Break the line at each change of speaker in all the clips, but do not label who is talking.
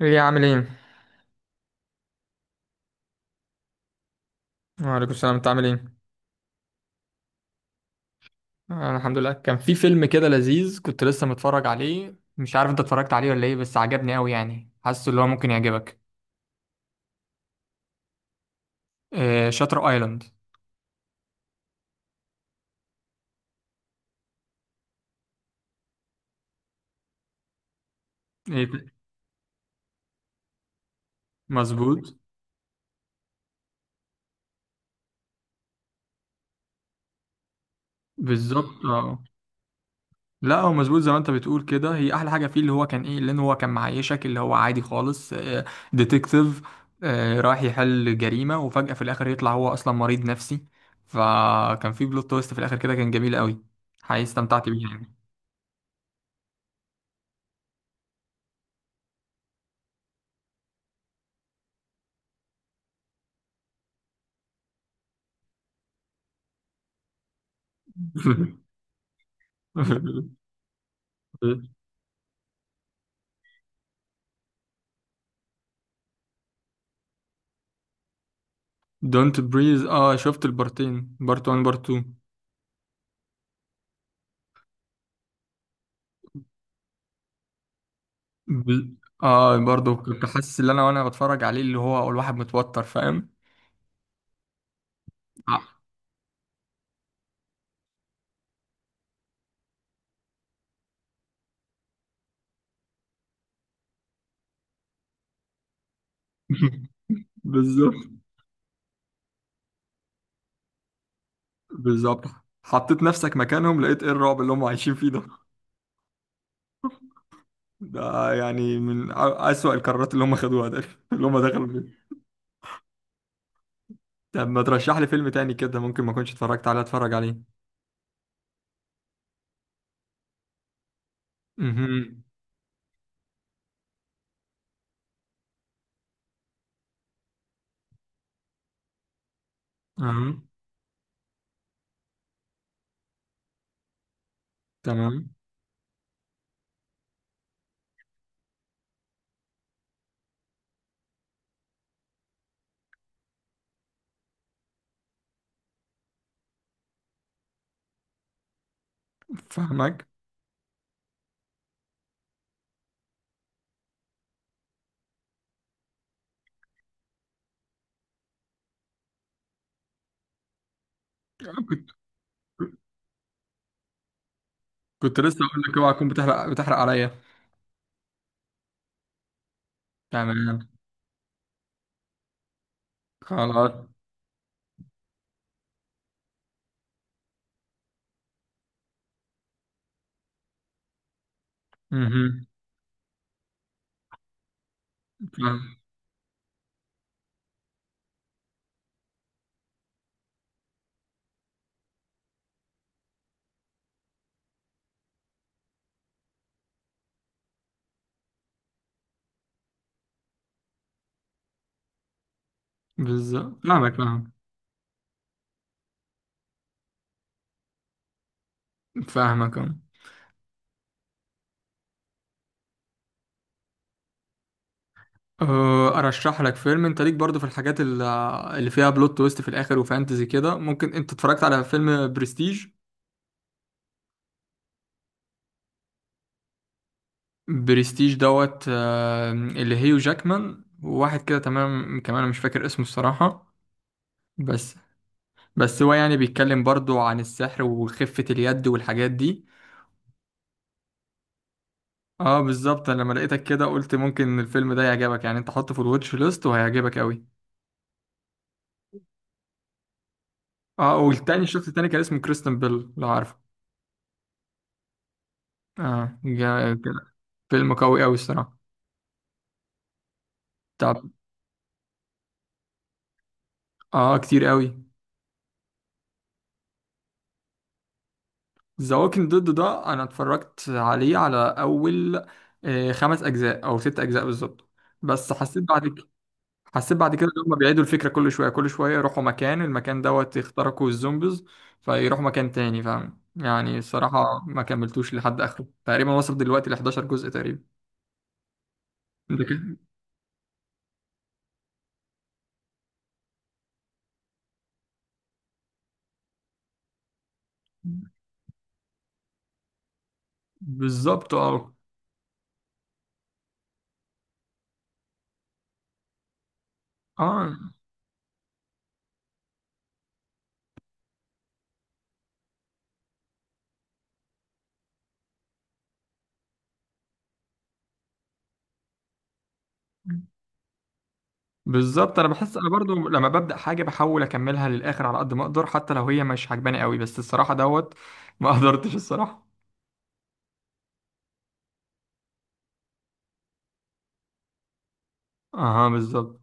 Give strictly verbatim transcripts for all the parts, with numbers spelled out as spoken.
ايه عامل ايه؟ وعليكم السلام انت عامل ايه؟ انا الحمد لله كان في فيلم كده لذيذ كنت لسه متفرج عليه، مش عارف انت اتفرجت عليه ولا ايه، بس عجبني قوي، يعني حاسه اللي هو ممكن يعجبك. آه شاتر ايلاند. ايه، مظبوط. بالظبط اه. لا هو مظبوط زي ما انت بتقول كده، هي احلى حاجه فيه اللي هو كان ايه، لان هو كان معيشك اللي هو عادي خالص. آه ديتكتيف، آه رايح يحل جريمه وفجاه في الاخر يطلع هو اصلا مريض نفسي. فكان في بلوت تويست في الاخر كده، كان جميل قوي، حقيقي استمتعت بيه يعني. دونت بريز، اه شفت البارتين، بارت واحد بارت اتنين. بل... اه برضه كنت حاسس ان انا وانا بتفرج عليه اللي هو الواحد متوتر، فاهم. بالظبط. بالظبط حطيت نفسك مكانهم لقيت ايه الرعب اللي هم عايشين فيه ده. ده يعني من أ- أسوأ القرارات اللي هم خدوها ده اللي هم دخلوا فيه. طب ما ترشح لي فيلم تاني كده ممكن ما كنتش اتفرجت عليه اتفرج عليه. اها. اها. تمام. فاهمك. كنت كنت لسه اقول لك اوعى تكون بتحرق بتحرق عليا. تمام. خلاص. مهم. فاهم. بالظبط، فاهمك، فاهم. فاهمك أه. أه، ارشح لك فيلم، انت ليك برضو في الحاجات ال- اللي فيها بلوت تويست في الاخر وفانتزي كده. ممكن انت اتفرجت على فيلم برستيج؟ برستيج دوت آه، اللي هيو جاكمان وواحد كده تمام كمان، أنا مش فاكر اسمه الصراحة. بس بس هو يعني بيتكلم برضو عن السحر وخفة اليد والحاجات دي. اه بالظبط، انا لما لقيتك كده قلت ممكن الفيلم ده يعجبك يعني، انت حطه في الواتش ليست وهيعجبك قوي. اه والتاني الشخص التاني كان اسمه كريستن بيل، لو عارفه. اه جا- كان فيلم قوي قوي الصراحة. طب، اه كتير قوي. ذا ووكينج ديد ده انا اتفرجت عليه على اول آه، خمس اجزاء او ست اجزاء بالظبط. بس حسيت بعد كده، حسيت بعد كده ان هم بيعيدوا الفكرة كل شوية كل شوية، يروحوا مكان المكان دوت يخترقوا الزومبيز، فيروحوا مكان تاني، فاهم يعني. الصراحة ما كملتوش لحد اخره، تقريبا وصل دلوقتي ل احدعشر جزء تقريبا. ده كده. بالظبط اه. اه بالظبط، انا بحس انا برضو لما ببدا حاجه بحاول اكملها للاخر على قد ما اقدر حتى لو هي مش عجباني قوي، بس الصراحه دوت ما قدرتش الصراحه. اها بالظبط.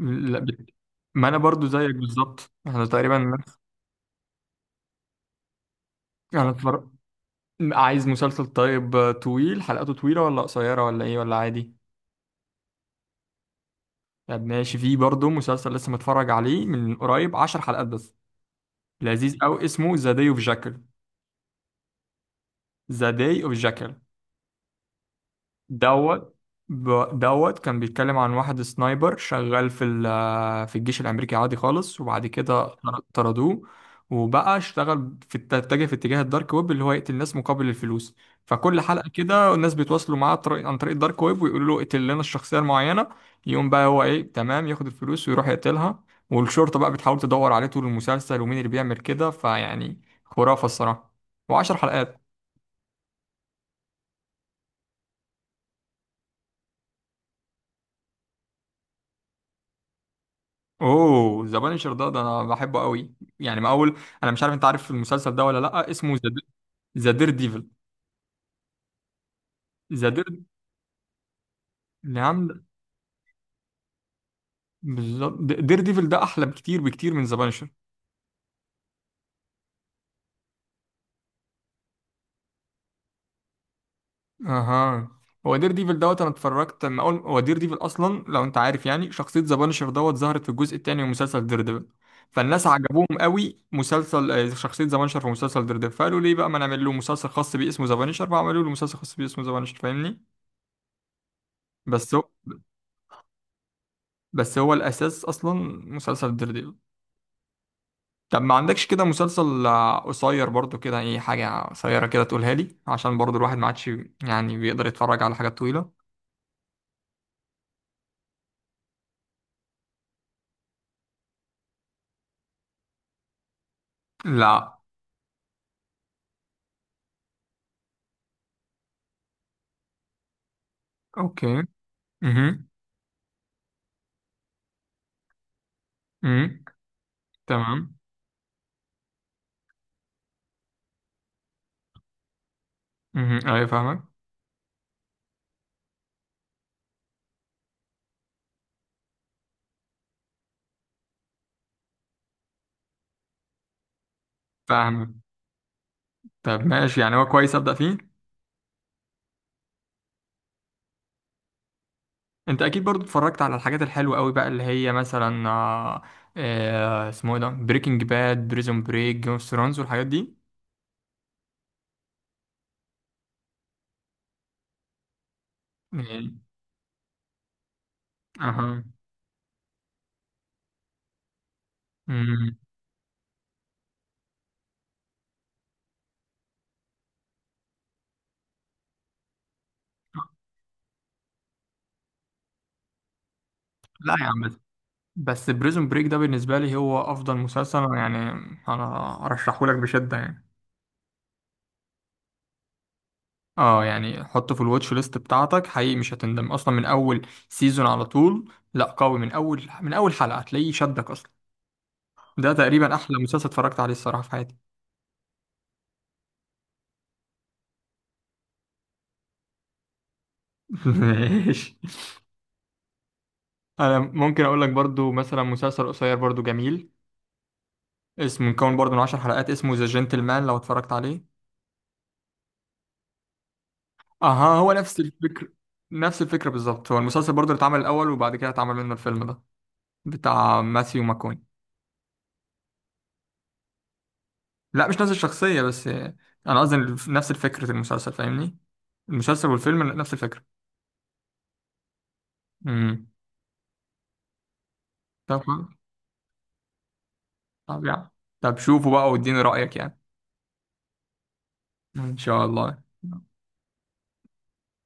لا ب- ما انا برضو زيك بالظبط، احنا تقريبا نفس- انا اتفرج. عايز مسلسل طيب آه، طويل، حلقاته طويله ولا قصيره ولا ايه ولا عادي؟ طب ماشي، في برضو مسلسل لسه متفرج عليه من قريب، عشر حلقات بس، لذيذ قوي اسمه ذا داي اوف جاكل. ذا داي اوف جاكل دوت ب- دوت كان بيتكلم عن واحد سنايبر شغال في ال- في الجيش الأمريكي عادي خالص، وبعد كده طر- طردوه. وبقى اشتغل في الت- اتجه في اتجاه الدارك ويب اللي هو يقتل الناس مقابل الفلوس. فكل حلقة كده الناس بيتواصلوا معاه طريق- عن طريق الدارك ويب ويقولوا له اقتل لنا الشخصية المعينة. يقوم بقى هو ايه تمام ياخد الفلوس ويروح يقتلها. والشرطة بقى بتحاول تدور عليه طول المسلسل ومين اللي بيعمل كده، فيعني خرافة الصراحة. وعشر حلقات. اوه ذا بانشر ده، ده انا بحبه قوي. يعني ما اول، انا مش عارف انت عارف المسلسل ده ولا لا، اسمه ذا دير ديفل. ذا دير، اللي عند، بالظبط دير ديفل ده احلى بكتير بكتير من ذا بانشر. اها، هو دير ديفل دوت انا اتفرجت لما اول، هو دير ديفل اصلا لو انت عارف، يعني شخصيه ذا بانشر دوت ظهرت في الجزء الثاني من مسلسل دير ديفل. فالناس عجبوهم قوي مسلسل آه، شخصيه ذا بانشر في مسلسل دير ديفل، فقالوا ليه بقى ما نعمل له مسلسل خاص بيه اسمه ذا بانشر، فعملوا له مسلسل خاص بيه اسمه ذا بانشر، فاهمني. بس بس هو الاساس اصلا مسلسل ديرديفل. طب ما عندكش كده مسلسل آه، قصير برضو كده، اي حاجه قصيره كده تقولها لي، عشان برضو الواحد ما عادش يعني بيقدر يتفرج على حاجات طويله. لا. اوكي. امم. امم. تمام. امم ايوه فاهمك. فاهمك. طب ماشي يعني، هو كويس ابدا فيه. انت اكيد برضو اتفرجت على الحاجات الحلوه قوي بقى اللي هي مثلا آه، آه اسمه ايه ده، بريكنج باد، بريزون بريك، جيم اوف ثرونز والحاجات دي. يعني، اها، امم، لا يا عم. بس بريزون بريك ده بالنسبة لي هو أفضل مسلسل، أنا يعني أنا أرشحه لك بشدة يعني. اه يعني حطه في الواتش ليست بتاعتك، حقيقي مش هتندم. أصلا من أول سيزون على طول، لا قوي، من أول من أول حلقة هتلاقيه شدك أصلا. ده تقريبا أحلى مسلسل اتفرجت عليه الصراحة في حياتي. ماشي. أنا ممكن أقول لك برضو مثلا مسلسل قصير برضو جميل اسمه، مكون برضو من عشر حلقات، اسمه ذا جنتلمان لو اتفرجت عليه. أها هو نفس الفكر، نفس الفكرة بالظبط، هو المسلسل برضو اللي اتعمل الأول وبعد كده اتعمل منه الفيلم ده بتاع ماثيو ماكوني. لا مش نفس الشخصية، بس أنا قصدي الف- نفس فكرة المسلسل فاهمني، المسلسل والفيلم نفس الفكرة. امم. طب خلاص. طب يعني، طب شوفوا بقى واديني رأيك يعني. إن شاء الله.